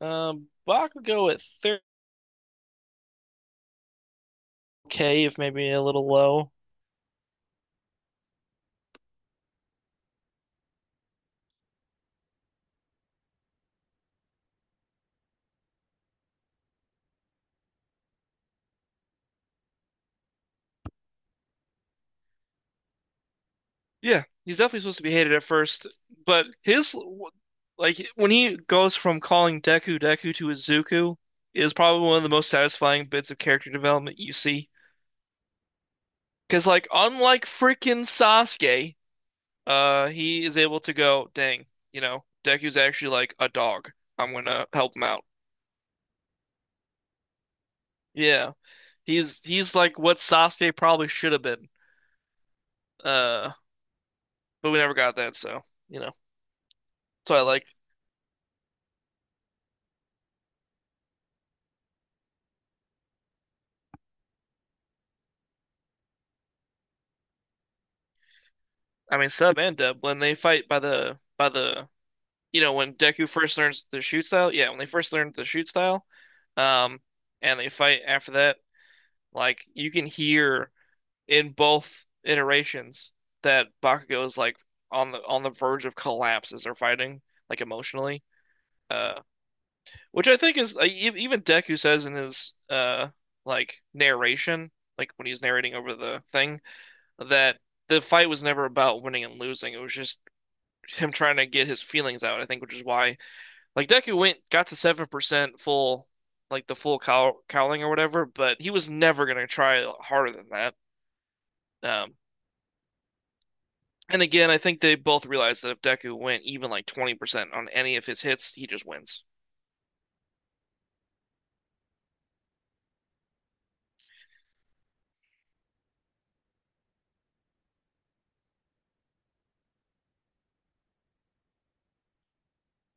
Bach would go at 30K, if maybe a little low. Yeah, he's definitely supposed to be hated at first, but his, like, when he goes from calling Deku Deku to Izuku is probably one of the most satisfying bits of character development you see. Because like unlike freaking Sasuke, he is able to go, dang, you know, Deku's actually like a dog. I'm gonna help him out. Yeah, he's like what Sasuke probably should have been. Uh, but we never got that, so you know. So I like, I mean, Sub and Dub when they fight by the by the, you know, when Deku first learns the shoot style, yeah, when they first learned the shoot style, um, and they fight after that, like you can hear in both iterations that Bakugo is like on the verge of collapse as they're fighting, like emotionally, uh, which I think is like, even Deku says in his like narration, like when he's narrating over the thing, that the fight was never about winning and losing. It was just him trying to get his feelings out, I think, which is why like Deku went got to 7% full, like the full cowling or whatever, but he was never going to try harder than that. Um and again, I think they both realized that if Deku went even like 20% on any of his hits, he just wins.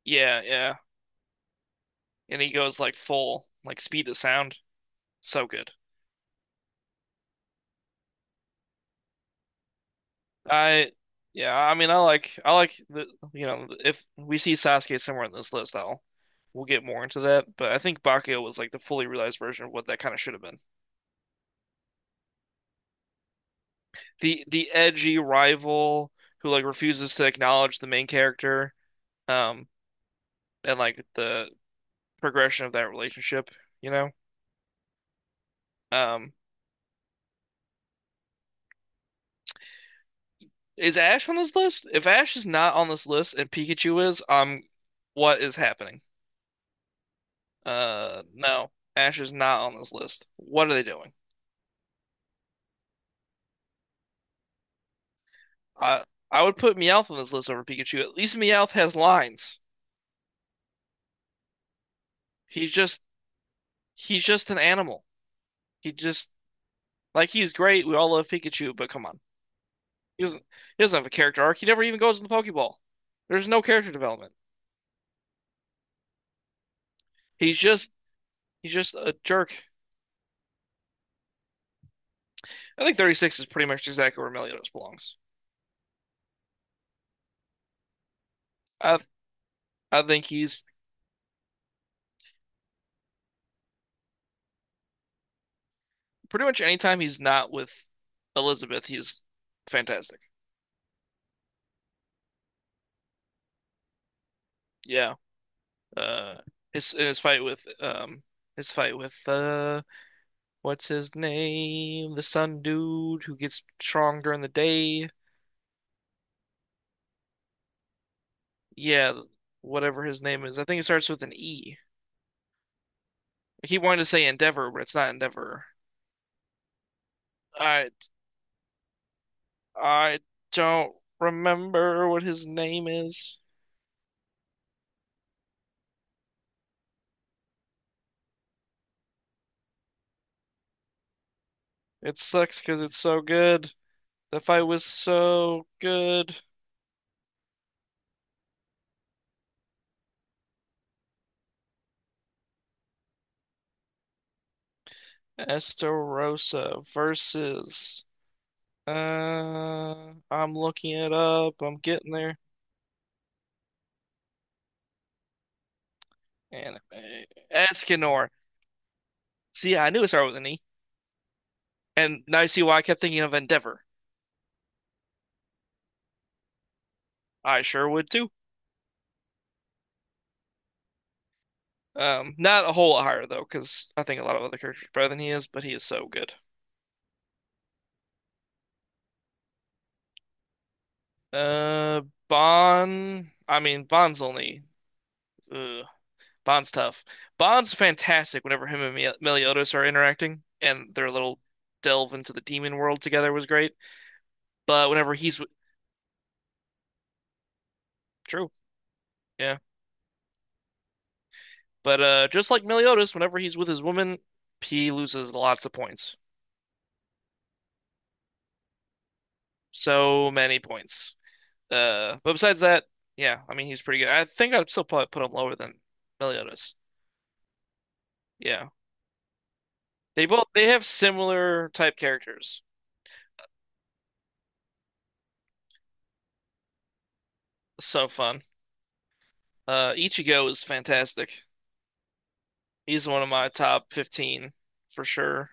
Yeah, yeah. And he goes like full, like speed to sound. So good. I Yeah, I mean I like the, you know, if we see Sasuke somewhere on this list, I'll we'll get more into that. But I think Bakugo was like the fully realized version of what that kind of should have been. The edgy rival who like refuses to acknowledge the main character, um, and like the progression of that relationship, you know? Um, is Ash on this list? If Ash is not on this list and Pikachu is, what is happening? No, Ash is not on this list. What are they doing? I I would put Meowth on this list over Pikachu. At least Meowth has lines. He's just he's just an animal. He just like he's great. We all love Pikachu, but come on, he doesn't he doesn't have a character arc. He never even goes to the Pokeball. There's no character development. He's just he's just a jerk. I think 36 is pretty much exactly where Meliodas belongs. I I think he's pretty much anytime he's not with Elizabeth, he's fantastic. Yeah. Uh, his in his fight with what's his name? The sun dude who gets strong during the day. Yeah, whatever his name is. I think it starts with an E. I keep wanting to say Endeavor, but it's not Endeavor. I I don't remember what his name is. It sucks because it's so good. The fight was so good. Esterosa versus. I'm looking it up. I'm getting there. Anime. Escanor. See, I knew it started with an E. And now you see why I kept thinking of Endeavor. I sure would too. Not a whole lot higher though, because I think a lot of other characters are better than he is, but he is so good. Uh, Bond. I mean, Bond's only. Ugh, Bond's tough. Bond's fantastic whenever him and Meliodas are interacting, and their little delve into the demon world together was great. But true, yeah. But just like Meliodas, whenever he's with his woman, he loses lots of points. So many points. But besides that, yeah, I mean he's pretty good. I think I'd still probably put him lower than Meliodas. Yeah, they both, they have similar type characters. So fun. Ichigo is fantastic. He's one of my top 15 for sure.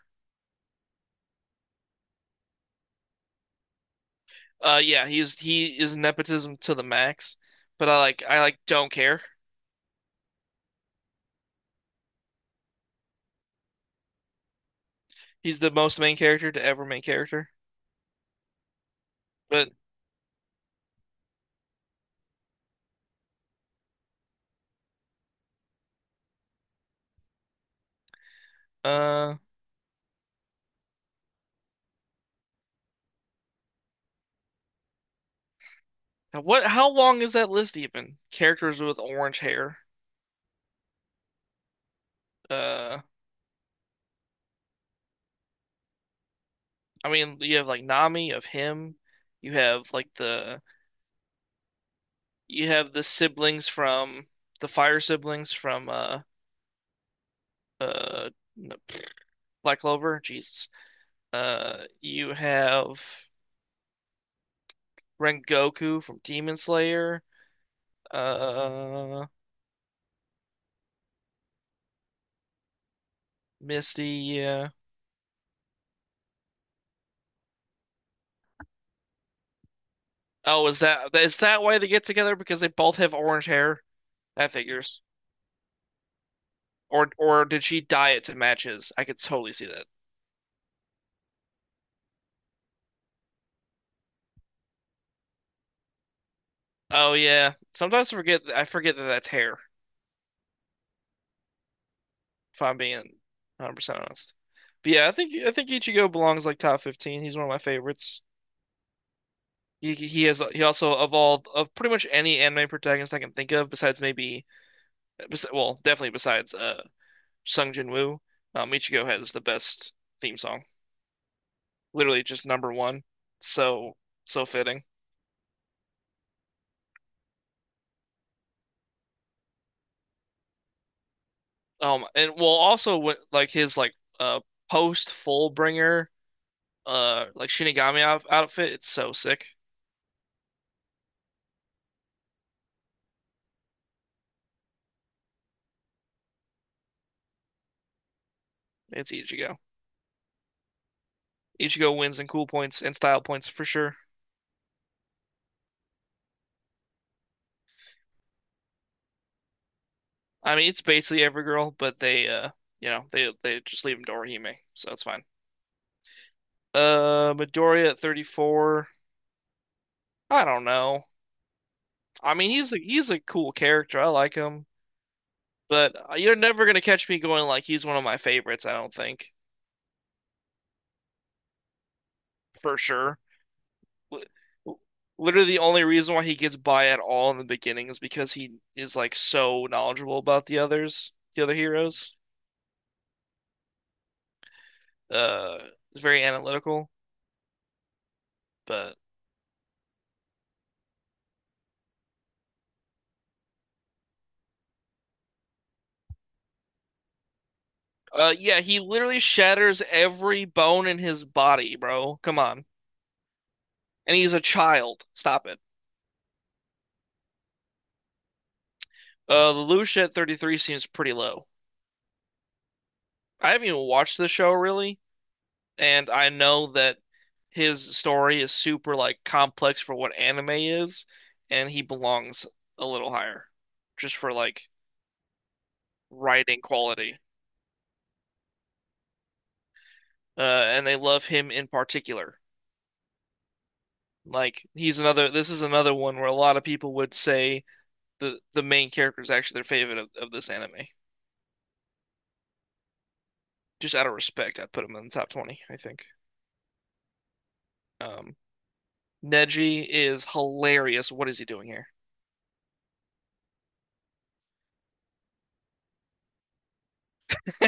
Yeah, he is nepotism to the max, but I don't care. He's the most main character to ever main character. But uh, what? How long is that list even? Characters with orange hair. Uh. I mean, you have like Nami of him. You have like the you have the siblings from the fire siblings from uh no, Black Clover. Jesus. You have Rengoku from Demon Slayer. Uh, Misty. Yeah. Oh, is that why they get together? Because they both have orange hair? That figures. Or did she dye it to match his? I could totally see that. Oh yeah. Sometimes I forget that that's hair. If I'm being 100% honest. But yeah, I think Ichigo belongs like top 15. He's one of my favorites. He also of all of pretty much any anime protagonist I can think of besides maybe bes well, definitely besides Sung Jin-woo, Ichigo has the best theme song. Literally just number one. So so fitting. And well also with like his uh post Fullbringer like Shinigami outfit, it's so sick. It's Ichigo. Ichigo wins in cool points and style points for sure. I mean, it's basically Evergirl, but you know, they just leave him to Orihime, so it's fine. Midoriya at 34. I don't know. I mean, he's a cool character. I like him, but you're never gonna catch me going like he's one of my favorites. I don't think, for sure. Literally, the only reason why he gets by at all in the beginning is because he is like so knowledgeable about the others, the other heroes. Uh, it's very analytical, but uh, yeah, he literally shatters every bone in his body, bro. Come on. And he's a child. Stop it. The Lucia at 33 seems pretty low. I haven't even watched the show really, and I know that his story is super like complex for what anime is, and he belongs a little higher just for like writing quality. And they love him in particular. Like he's another, this is another one where a lot of people would say the main character is actually their favorite of this anime. Just out of respect, I'd put him in the top 20, I think. Um, Neji is hilarious. What is he doing here?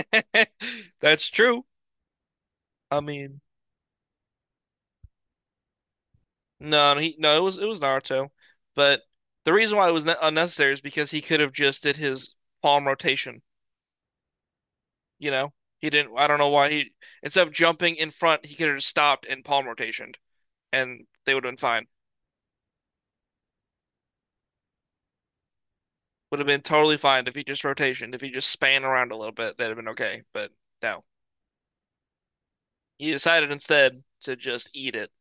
That's true. I mean, no, he no, it was Naruto, but the reason why it was unnecessary is because he could have just did his palm rotation, you know? He didn't I don't know why he instead of jumping in front, he could have just stopped and palm rotationed and they would have been fine. Would have been totally fine if he just rotationed, if he just span around a little bit, that'd have been okay. But no, he decided instead to just eat it.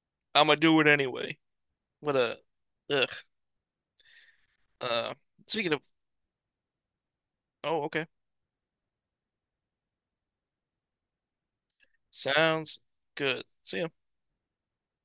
I'm gonna do it anyway. What a ugh. Uh, speaking of, oh, okay, sounds good. See ya.